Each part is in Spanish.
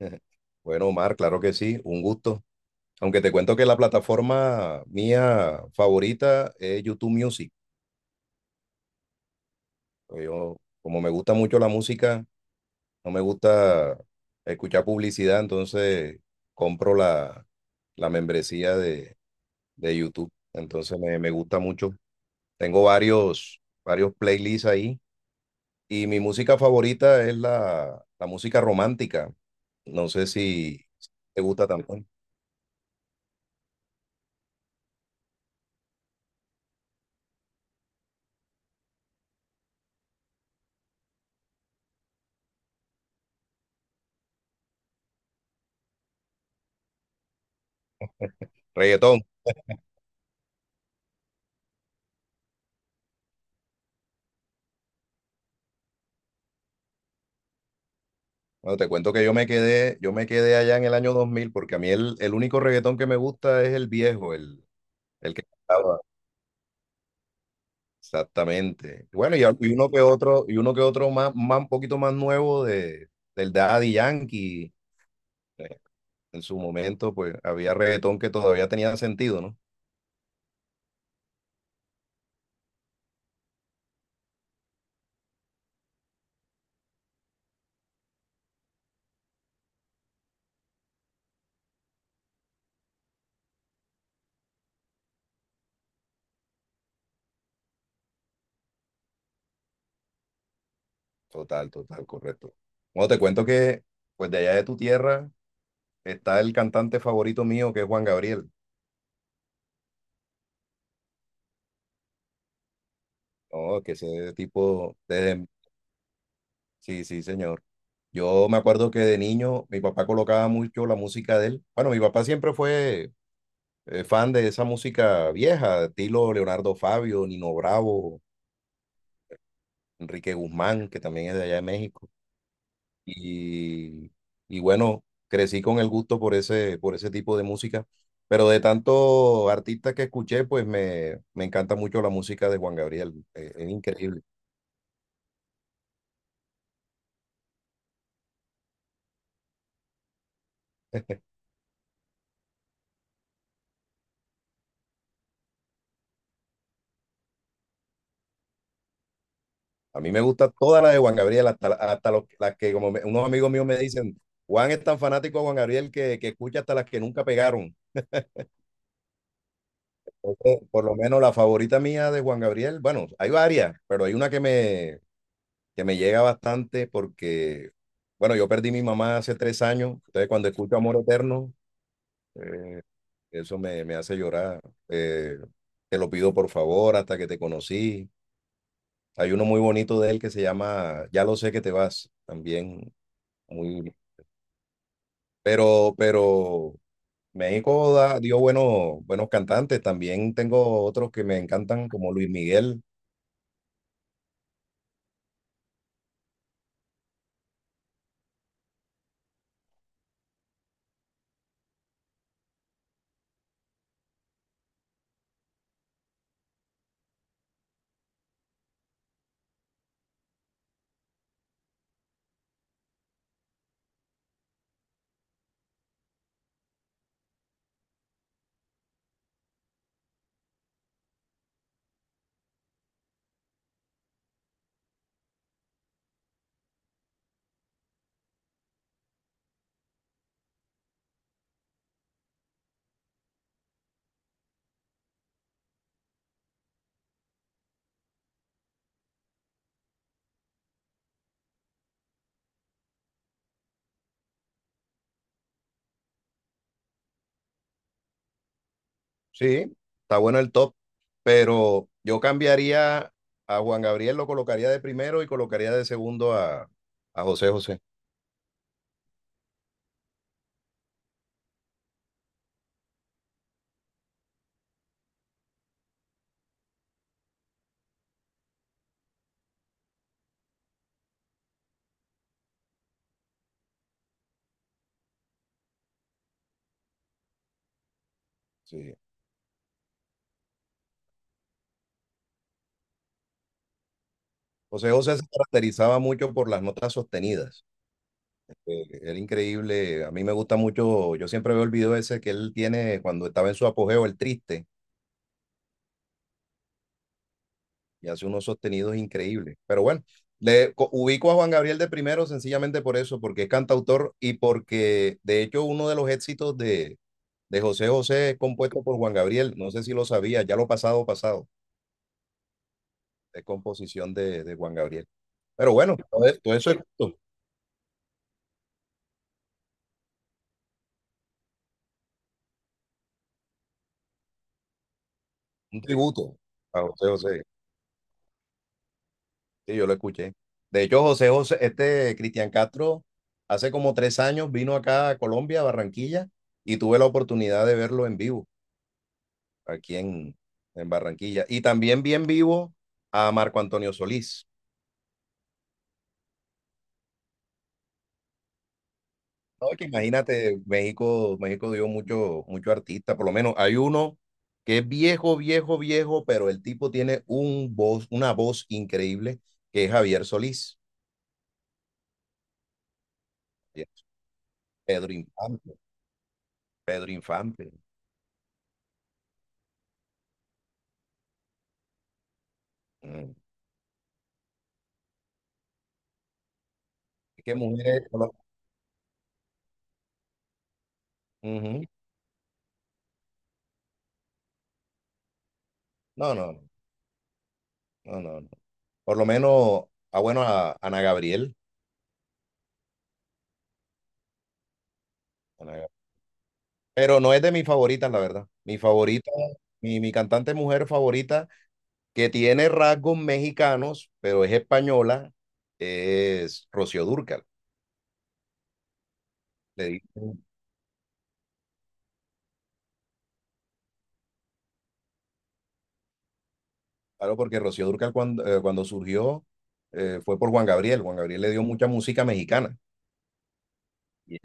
Bueno, Omar, claro que sí, un gusto. Aunque te cuento que la plataforma mía favorita es YouTube Music. Yo, como me gusta mucho la música, no me gusta escuchar publicidad, entonces compro la membresía de YouTube. Entonces me gusta mucho. Tengo varios playlists ahí y mi música favorita es la música romántica. No sé si te gusta también. Reggaetón. Bueno, te cuento que yo me quedé allá en el año 2000, porque a mí el único reggaetón que me gusta es el viejo, el que cantaba. Exactamente. Bueno, y uno que otro, y uno que otro más un poquito más nuevo del Daddy Yankee. Eh, En su momento, pues había reggaetón que todavía tenía sentido, ¿no? Total, total, correcto. Bueno, te cuento que, pues de allá de tu tierra está el cantante favorito mío, que es Juan Gabriel. No, que ese tipo, desde. Sí, sí, señor. Yo me acuerdo que de niño mi papá colocaba mucho la música de él. Bueno, mi papá siempre fue fan de esa música vieja, estilo Leonardo Fabio, Nino Bravo, Enrique Guzmán, que también es de allá de México. Y, y bueno, crecí con el gusto por ese tipo de música. Pero de tantos artistas que escuché, pues me encanta mucho la música de Juan Gabriel. Es increíble. A mí me gusta toda la de Juan Gabriel, hasta los las que unos amigos míos me dicen, Juan es tan fanático de Juan Gabriel que escucha hasta las que nunca pegaron. Entonces, por lo menos la favorita mía de Juan Gabriel, bueno, hay varias, pero hay una que me llega bastante porque, bueno, yo perdí a mi mamá hace 3 años, entonces cuando escucho Amor Eterno, eh, eso me hace llorar. Eh, Te lo pido por favor, hasta que te conocí. Hay uno muy bonito de él que se llama Ya lo sé que te vas, también muy. Pero México dio buenos, buenos cantantes. También tengo otros que me encantan, como Luis Miguel. Sí, está bueno el top, pero yo cambiaría a Juan Gabriel, lo colocaría de primero y colocaría de segundo a José José. Sí. José José se caracterizaba mucho por las notas sostenidas. Era increíble. A mí me gusta mucho. Yo siempre veo el video ese que él tiene cuando estaba en su apogeo, el triste, y hace unos sostenidos increíbles. Pero bueno, le ubico a Juan Gabriel de primero sencillamente por eso, porque es cantautor y porque de hecho uno de los éxitos de, José José es compuesto por Juan Gabriel. No sé si lo sabía, ya lo pasado, pasado, es composición de Juan Gabriel. Pero bueno, todo eso es un tributo a José José. Sí, yo lo escuché. De hecho, José José, este Cristian Castro, hace como 3 años vino acá a Colombia, a Barranquilla, y tuve la oportunidad de verlo en vivo. Aquí en Barranquilla. Y también bien vivo a Marco Antonio Solís. No, que imagínate, México, México dio mucho, mucho artista, por lo menos hay uno que es viejo, viejo, viejo, pero el tipo tiene una voz increíble, que es Javier Solís, Pedro Infante, Pedro Infante. Mm. ¿Qué mujeres? Por lo-. Ujú. No, no, no, no, no. Por lo menos, ah, bueno, a Ana Gabriel. Ana. Pero no es de mis favoritas, la verdad. Mi favorita, mi cantante mujer favorita, que tiene rasgos mexicanos, pero es española, es Rocío Dúrcal. Le dicen, claro, porque Rocío Dúrcal cuando, cuando, surgió fue por Juan Gabriel. Juan Gabriel le dio mucha música mexicana. Y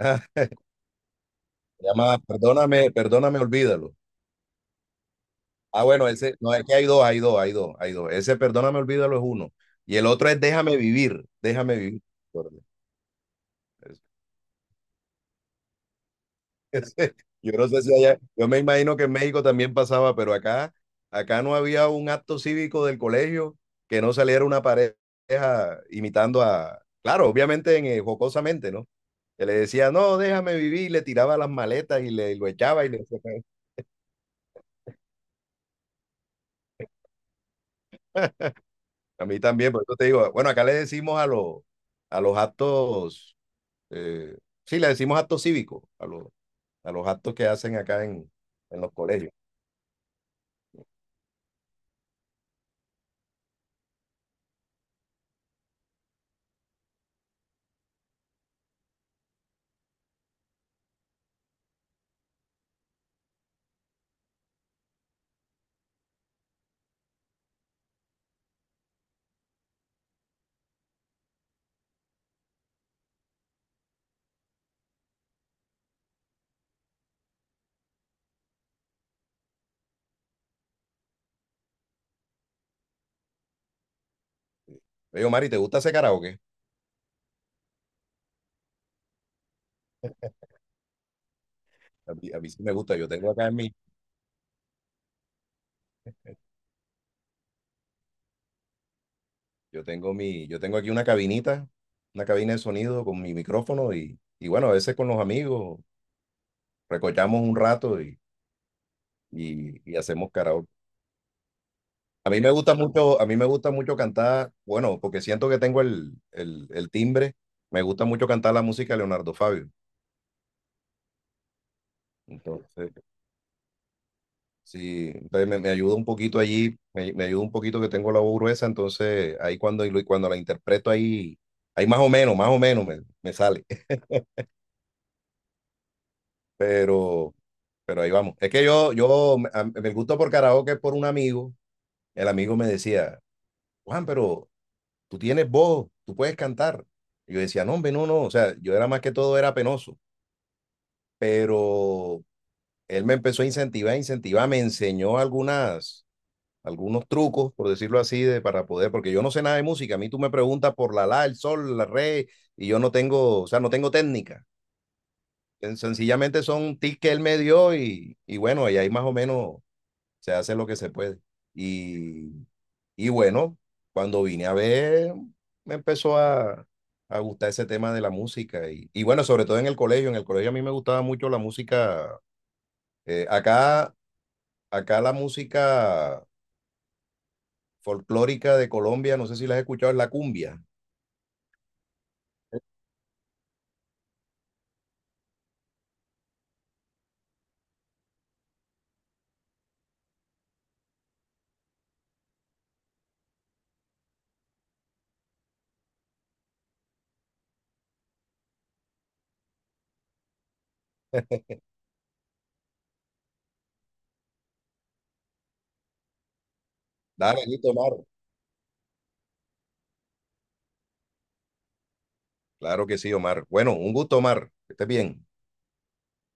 se llama Perdóname, Perdóname, Olvídalo. Ah, bueno, ese, no, es que hay dos, hay dos, hay dos, hay dos. Ese Perdóname, Olvídalo es uno. Y el otro es Déjame Vivir, Déjame Vivir. Yo no sé si allá, yo me imagino que en México también pasaba, pero acá no había un acto cívico del colegio que no saliera una pareja imitando a, claro, obviamente jocosamente, ¿no? Que le decía, no, déjame vivir, y le tiraba las maletas y lo echaba y le a mí también, por eso te digo, bueno, acá le decimos a los actos, eh, sí, le decimos actos cívicos, a los actos que hacen acá en los colegios. Yo digo, Mari, ¿te gusta ese karaoke? A mí sí me gusta, yo tengo acá en mi. Yo tengo aquí una cabina de sonido con mi micrófono y bueno, a veces con los amigos recochamos un rato y hacemos karaoke. A mí me gusta mucho, a mí me gusta mucho cantar, bueno, porque siento que tengo el timbre, me gusta mucho cantar la música de Leonardo Fabio. Entonces, sí, entonces me ayuda un poquito allí, me ayuda un poquito que tengo la voz gruesa, entonces ahí cuando la interpreto ahí, ahí más o menos me sale. pero, pero ahí vamos. Es que yo me gusto por karaoke es por un amigo. El amigo me decía, Juan, pero tú tienes voz, tú puedes cantar. Y yo decía, no, hombre, no, no. O sea, yo era más que todo, era penoso. Pero él me empezó a incentivar, incentivar, me enseñó algunos trucos, por decirlo así, para poder, porque yo no sé nada de música. A mí tú me preguntas por la, el sol, la re, y yo no tengo, o sea, no tengo técnica. Sencillamente son tips que él me dio y, bueno, y ahí más o menos se hace lo que se puede. Y, y bueno, cuando vine a ver, me empezó a gustar ese tema de la música. Y bueno, sobre todo en el colegio a mí me gustaba mucho la música. eh, acá, acá la música folclórica de Colombia, no sé si la has escuchado, es la cumbia. Dale, listo, Omar. Claro que sí, Omar. Bueno, un gusto, Omar. Que estés bien.